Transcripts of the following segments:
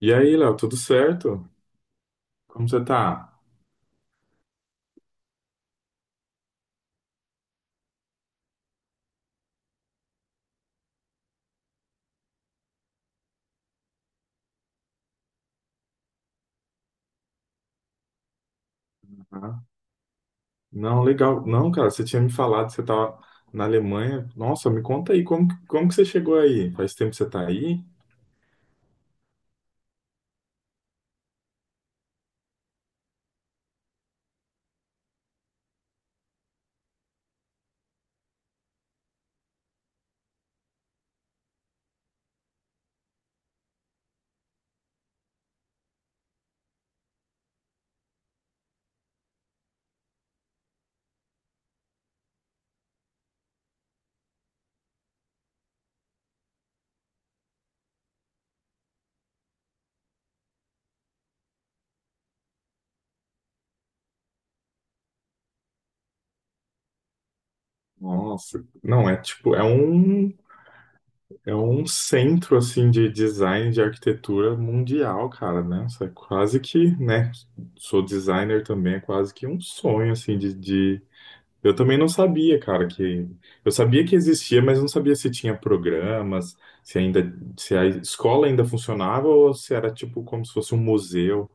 E aí, Léo, tudo certo? Como você tá? Ah, não, legal. Não, cara, você tinha me falado que você tava na Alemanha. Nossa, me conta aí, como, como que você chegou aí? Faz tempo que você tá aí? Nossa, não, é tipo, é um centro, assim, de design, de arquitetura mundial, cara, né? Isso é quase que, né, sou designer também, é quase que um sonho, assim, de, eu também não sabia, cara, que eu sabia que existia, mas não sabia se tinha programas, se ainda se a escola ainda funcionava ou se era tipo como se fosse um museu.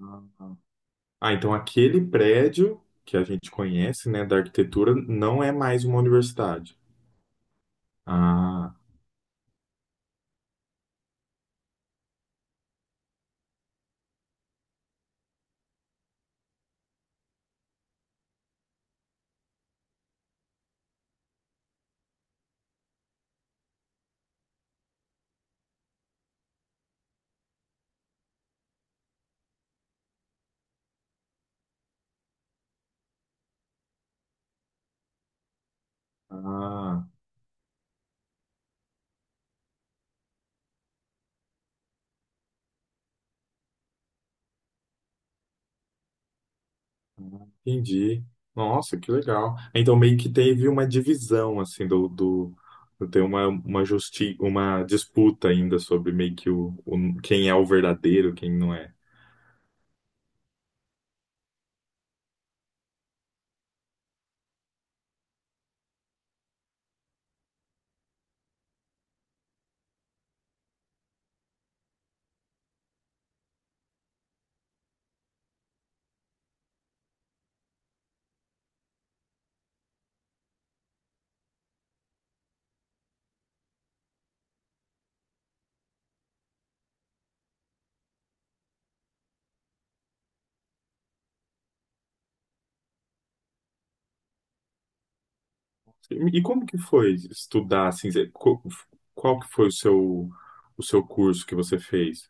Ah, ah, então aquele prédio que a gente conhece, né, da arquitetura, não é mais uma universidade. Ah, ah. Entendi. Nossa, que legal. Então meio que teve uma divisão assim do tem uma justi uma disputa ainda sobre meio que quem é o verdadeiro, quem não é. E como que foi estudar assim, qual que foi o seu curso que você fez?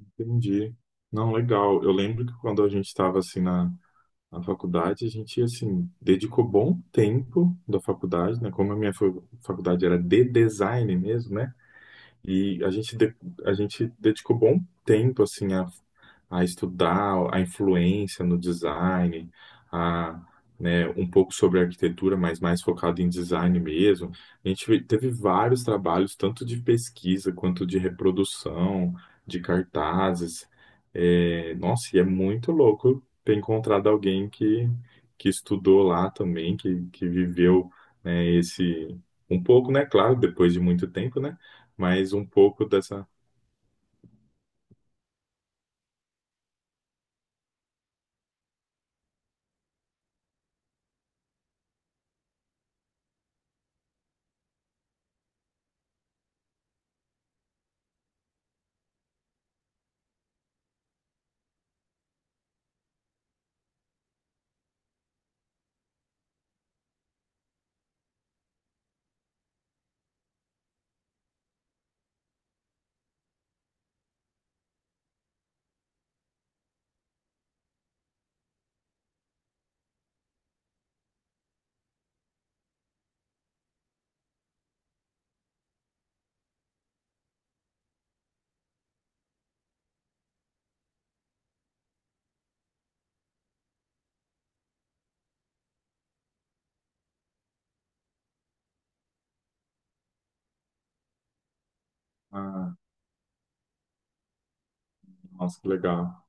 Entendi. Não, legal. Eu lembro que quando a gente estava assim na faculdade, a gente, assim, dedicou bom tempo da faculdade, né? Como a faculdade era de design mesmo, né? E a gente dedicou bom tempo assim a estudar a influência no design, a, né, um pouco sobre arquitetura, mas mais focado em design mesmo. A gente teve vários trabalhos, tanto de pesquisa quanto de reprodução, de cartazes. É, nossa, e é muito louco ter encontrado alguém que estudou lá também, que viveu, né, esse um pouco, né? Claro, depois de muito tempo, né? Mas um pouco dessa. Ah, nossa, que legal.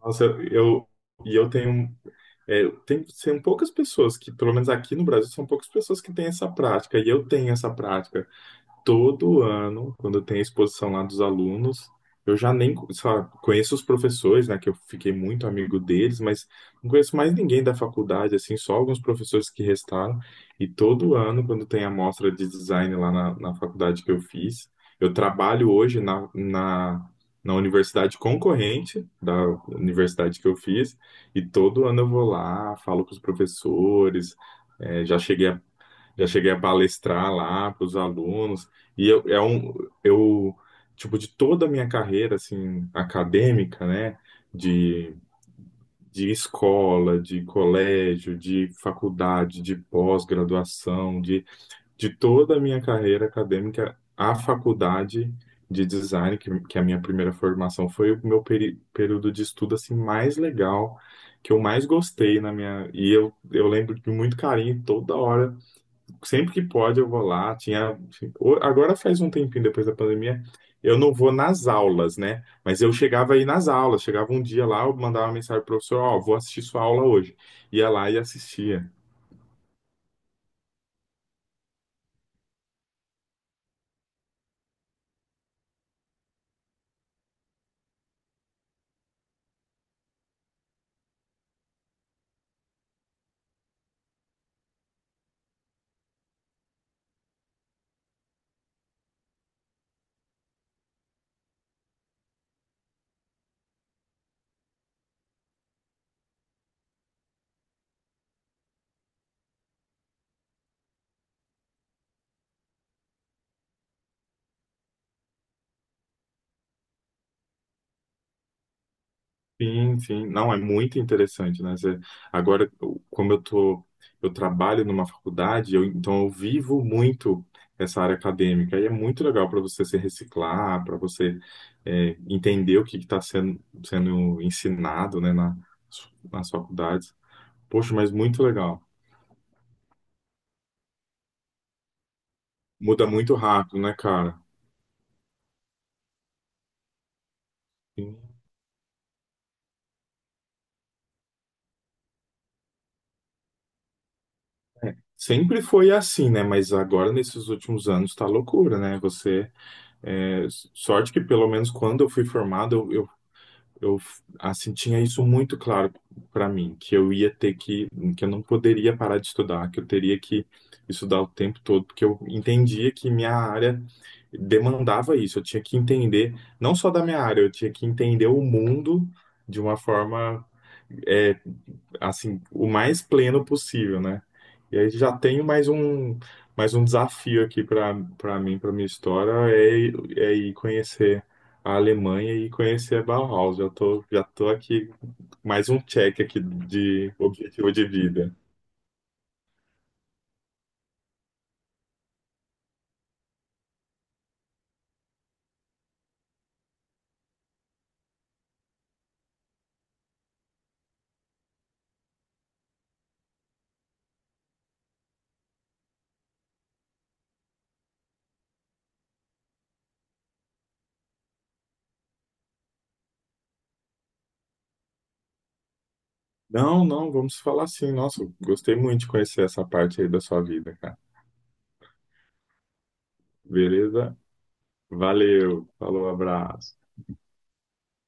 Nossa, eu. eu- E eu tenho. É, tem, tem poucas pessoas que, pelo menos aqui no Brasil, são poucas pessoas que têm essa prática, e eu tenho essa prática. Todo ano, quando tem a exposição lá dos alunos, eu já nem, sabe, conheço os professores, né, que eu fiquei muito amigo deles, mas não conheço mais ninguém da faculdade, assim, só alguns professores que restaram. E todo ano, quando tem a mostra de design lá na faculdade que eu fiz, eu trabalho hoje na universidade concorrente da universidade que eu fiz, e todo ano eu vou lá, falo com os professores, eh, já cheguei a já cheguei a palestrar lá para os alunos. E eu, é um, eu, tipo, de toda a minha carreira, assim, acadêmica, né? De, de escola, de colégio, de faculdade, de pós-graduação, de toda a minha carreira acadêmica, a faculdade de design, que é a minha primeira formação, foi o meu período de estudo, assim, mais legal, que eu mais gostei na minha... E eu lembro de muito carinho toda hora sempre que pode eu vou lá. Tinha, assim, o- agora faz um tempinho depois da pandemia, eu não vou nas aulas, né? Mas eu chegava aí nas aulas, chegava um dia lá, eu mandava uma mensagem pro professor, ó, vou assistir sua aula hoje. Ia lá e assistia. Sim, sim. Não, é muito interessante, né? Você- agora, como eu tô, eu trabalho numa faculdade, eu- então eu vivo muito essa área acadêmica. E é muito legal para você se reciclar, para você é, entender o que está sendo, sendo ensinado, né, nas faculdades. Poxa, mas muito legal. Muda muito rápido, né, cara? Sim. Sempre foi assim, né? Mas agora, nesses últimos anos, tá loucura, né? Você. É, sorte que, pelo menos, quando eu fui formado, eu assim tinha isso muito claro para mim, que eu ia ter que eu não poderia parar de estudar, que eu teria que estudar o tempo todo, porque eu entendia que minha área demandava isso, eu tinha que entender não só da minha área, eu tinha que entender o mundo de uma forma eh, assim, o mais pleno possível, né? E aí já tenho mais um desafio aqui para mim, para minha história, é, é ir conhecer a Alemanha e conhecer a Bauhaus. Já tô aqui, mais um check aqui de objetivo de vida. Não, não, vamos falar assim. Nossa, gostei muito de conhecer essa parte aí da sua vida, cara. Beleza? Valeu, falou, abraço.